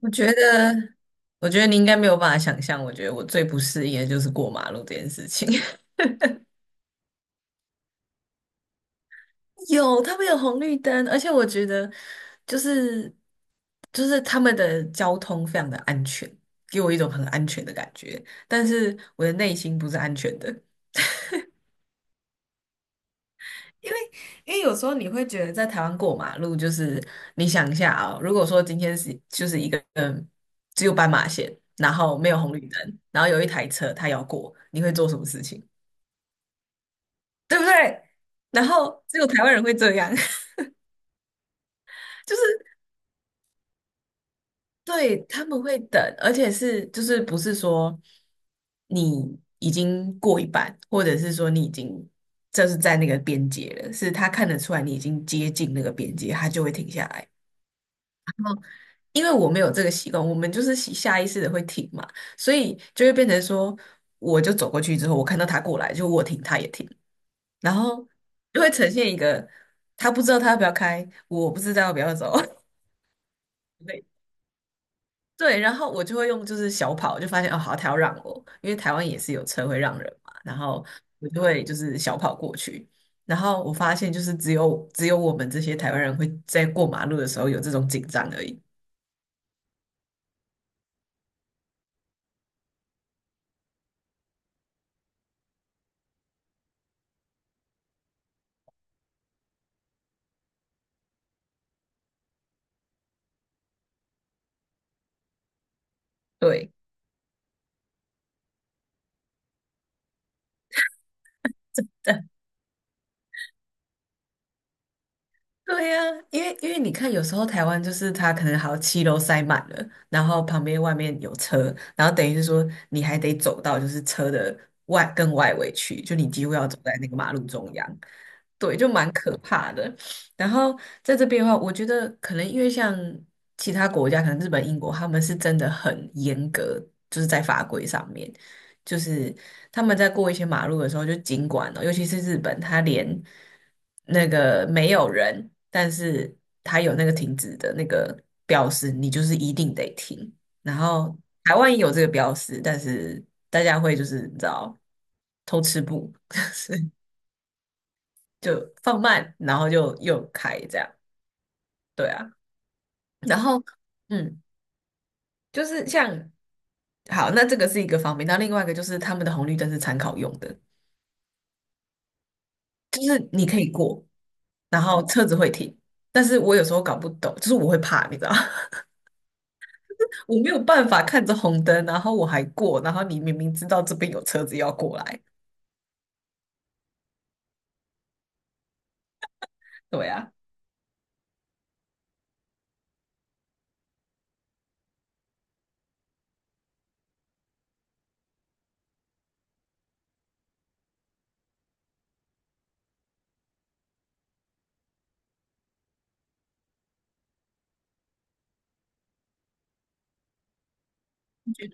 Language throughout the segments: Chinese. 我觉得，我觉得你应该没有办法想象，我觉得我最不适应的就是过马路这件事情。有，他们有红绿灯，而且我觉得就是他们的交通非常的安全，给我一种很安全的感觉，但是我的内心不是安全的，因为因为有时候你会觉得在台湾过马路，就是你想一下啊、如果说今天是一个只有斑马线，然后没有红绿灯，然后有一台车它要过，你会做什么事情？对不对？然后只有台湾人会这样，就是对他们会等，而且是就是不是说你已经过一半，或者是说你已经就是在那个边界了，是他看得出来你已经接近那个边界，他就会停下来。因为我没有这个习惯，我们就是习下意识的会停嘛，所以就会变成说，我就走过去之后，我看到他过来，就我停，他也停，然后就会呈现一个他不知道他要不要开，我不知道要不要走。对，然后我就会用就是小跑，就发现哦，好，他要让我，因为台湾也是有车会让人嘛，然后我就会就是小跑过去，然后我发现就是只有我们这些台湾人会在过马路的时候有这种紧张而已。对，对呀、因为你看，有时候台湾就是它可能好七楼塞满了，然后旁边外面有车，然后等于是说你还得走到就是车的外更外围去，就你几乎要走在那个马路中央，对，就蛮可怕的。然后在这边的话，我觉得可能因为像其他国家，可能日本、英国，他们是真的很严格，就是在法规上面，就是。他们在过一些马路的时候，就尽管哦，尤其是日本，他连那个没有人，但是他有那个停止的那个标识，你就是一定得停。然后台湾也有这个标识，但是大家会就是你知道偷吃不，就是就放慢，然后就又开这样，对啊。然后嗯，就是像好，那这个是一个方面，那另外一个就是他们的红绿灯是参考用的，就是你可以过。然后车子会停，但是我有时候搞不懂，就是我会怕，你知道吗，我没有办法看着红灯，然后我还过，然后你明明知道这边有车子要过来，对啊，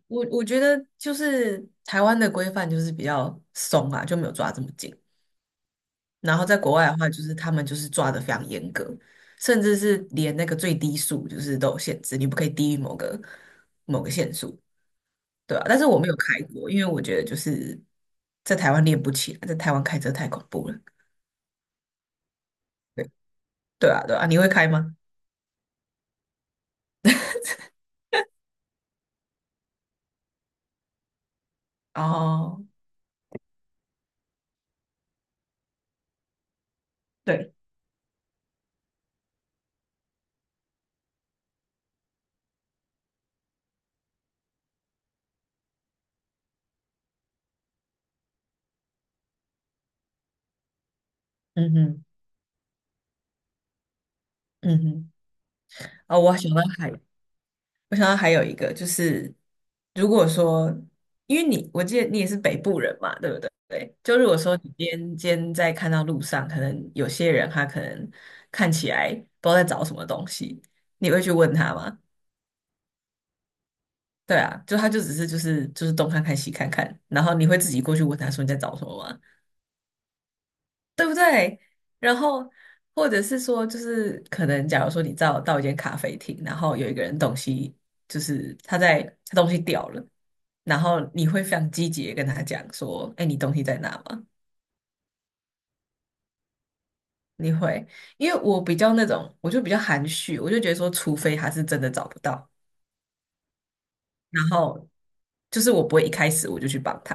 我觉得就是台湾的规范就是比较松啊，就没有抓这么紧，然后在国外的话，就是他们就是抓的非常严格，甚至是连那个最低速就是都有限制，你不可以低于某个限速，对啊，但是我没有开过，因为我觉得就是在台湾练不起来，在台湾开车太恐怖了。对啊，对啊，你会开吗？哦，对，嗯哼，嗯哼，哦，我想到还有一个就是，如果说，因为你，我记得你也是北部人嘛，对不对？对，就如果说你今天在看到路上，可能有些人他可能看起来不知道在找什么东西，你会去问他吗？对啊，就他就只是东看看西看看，然后你会自己过去问他说你在找什么吗？对不对？然后或者是说，就是可能假如说你到一间咖啡厅，然后有一个人东西就是他在他东西掉了，然后你会非常积极的跟他讲说："哎，你东西在哪吗？"你会，因为我比较那种，我就比较含蓄，我就觉得说，除非他是真的找不到，然后就是我不会一开始我就去帮他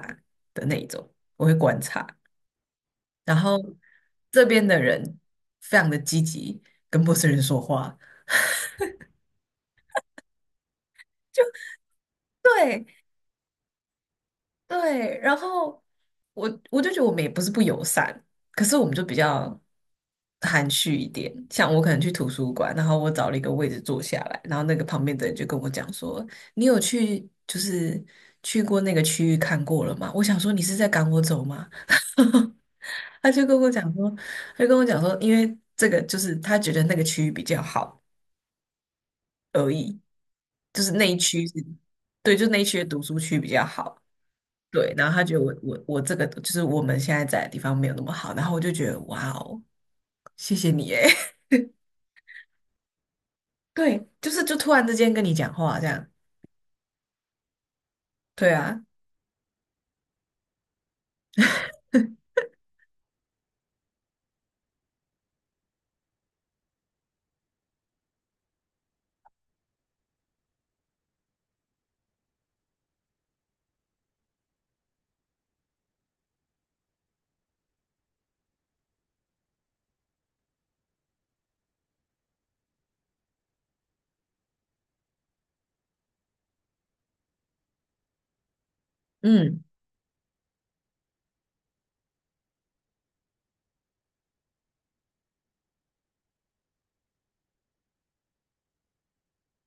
的那一种，我会观察。然后这边的人非常的积极，跟陌生人说话。对，对，然后我就觉得我们也不是不友善，可是我们就比较含蓄一点。像我可能去图书馆，然后我找了一个位置坐下来，然后那个旁边的人就跟我讲说："你有去就是去过那个区域看过了吗？"我想说你是在赶我走吗？他就跟我讲说，他就跟我讲说，因为这个就是他觉得那个区域比较好而已，就是那一区是，对，就那一区的读书区比较好。对，然后他觉得我这个就是我们现在在的地方没有那么好，然后我就觉得哇哦，谢谢你诶，对，就是就突然之间跟你讲话这样，对啊，嗯，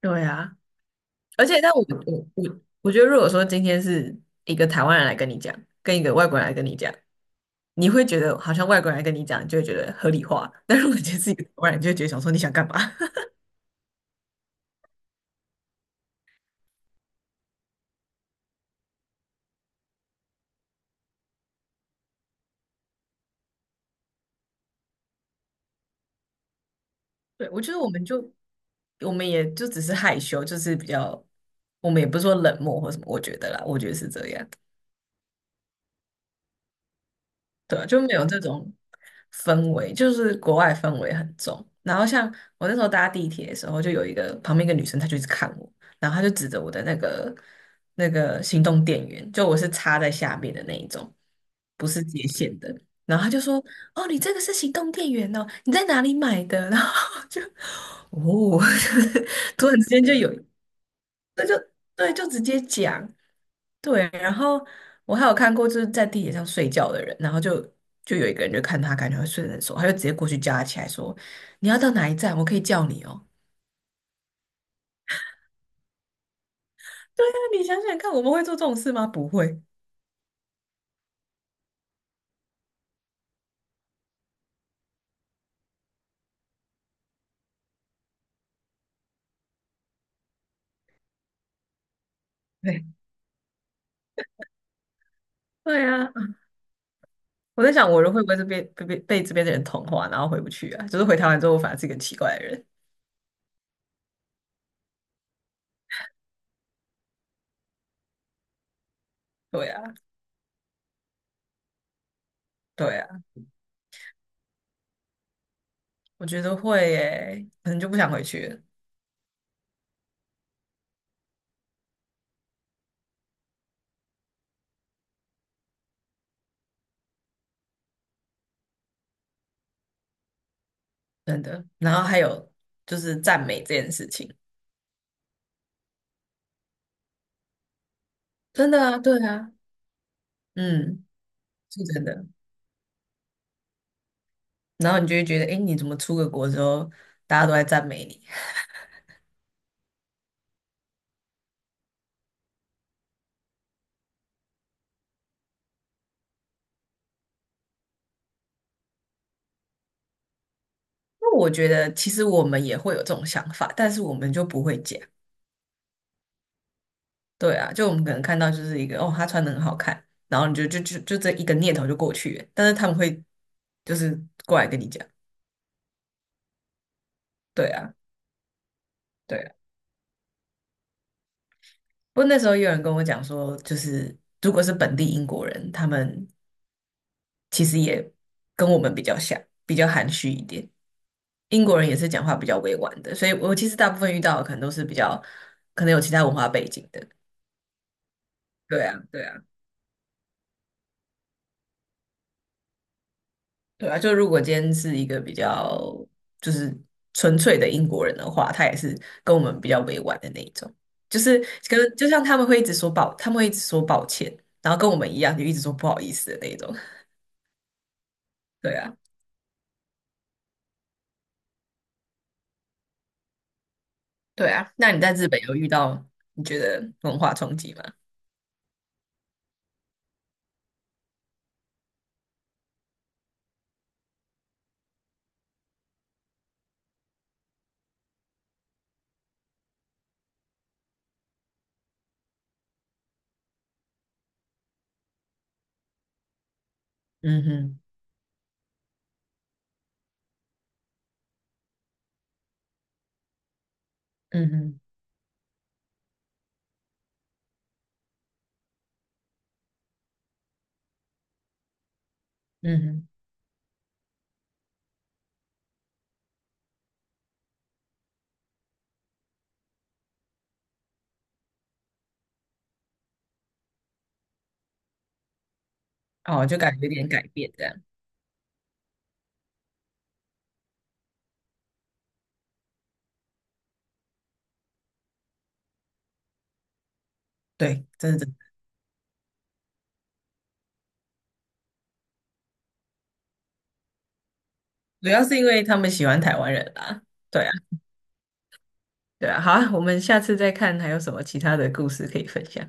对啊，而且但我觉得，如果说今天是一个台湾人来跟你讲，跟一个外国人来跟你讲，你会觉得好像外国人来跟你讲，你就会觉得合理化，但如果今天是一个台湾人，就会觉得想说你想干嘛？对，我觉得我们就我们也就只是害羞，就是比较，我们也不是说冷漠或什么，我觉得啦，我觉得是这样。对啊，就没有这种氛围，就是国外氛围很重。然后像我那时候搭地铁的时候，就有一个旁边一个女生，她就一直看我，然后她就指着我的那个行动电源，就我是插在下面的那一种，不是接线的。然后她就说："哦，你这个是行动电源哦，你在哪里买的？" 然后就哦，就是突然之间就有，那就对，就直接讲。对，然后我还有看过就是在地铁上睡觉的人，然后就就有一个人就看他感觉会睡得很熟，他就直接过去叫他起来说："你要到哪一站？我可以叫你哦。"对啊，你想想看，我们会做这种事吗？不会。对对啊，我在想，我人会不会这边被这边的人同化，然后回不去啊？就是回台湾之后，我反而是一个奇怪的人。对啊，对啊，我觉得会耶，可能就不想回去了，真的。然后还有就是赞美这件事情，真的啊，对啊，嗯，是真的。然后你就会觉得，哎，你怎么出个国之后，大家都在赞美你？因为我觉得其实我们也会有这种想法，但是我们就不会讲。对啊，就我们可能看到就是一个哦，他穿的很好看，然后你就这一个念头就过去了，但是他们会就是过来跟你讲，对啊。对啊，不过那时候也有人跟我讲说，就是如果是本地英国人，他们其实也跟我们比较像，比较含蓄一点。英国人也是讲话比较委婉的，所以我其实大部分遇到的可能都是比较可能有其他文化背景的。对啊，对啊，对啊。就如果今天是一个比较就是纯粹的英国人的话，他也是跟我们比较委婉的那一种，就是跟就像他们会一直说抱，他们会一直说抱歉，然后跟我们一样就一直说不好意思的那一种。对啊。对啊，那你在日本有遇到你觉得文化冲击吗？嗯哼，嗯哼，嗯哼，哦，就感觉有点改变这样。对，真的真的主要是因为他们喜欢台湾人啦。对啊，对啊，好啊，我们下次再看还有什么其他的故事可以分享。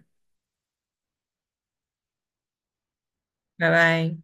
拜拜。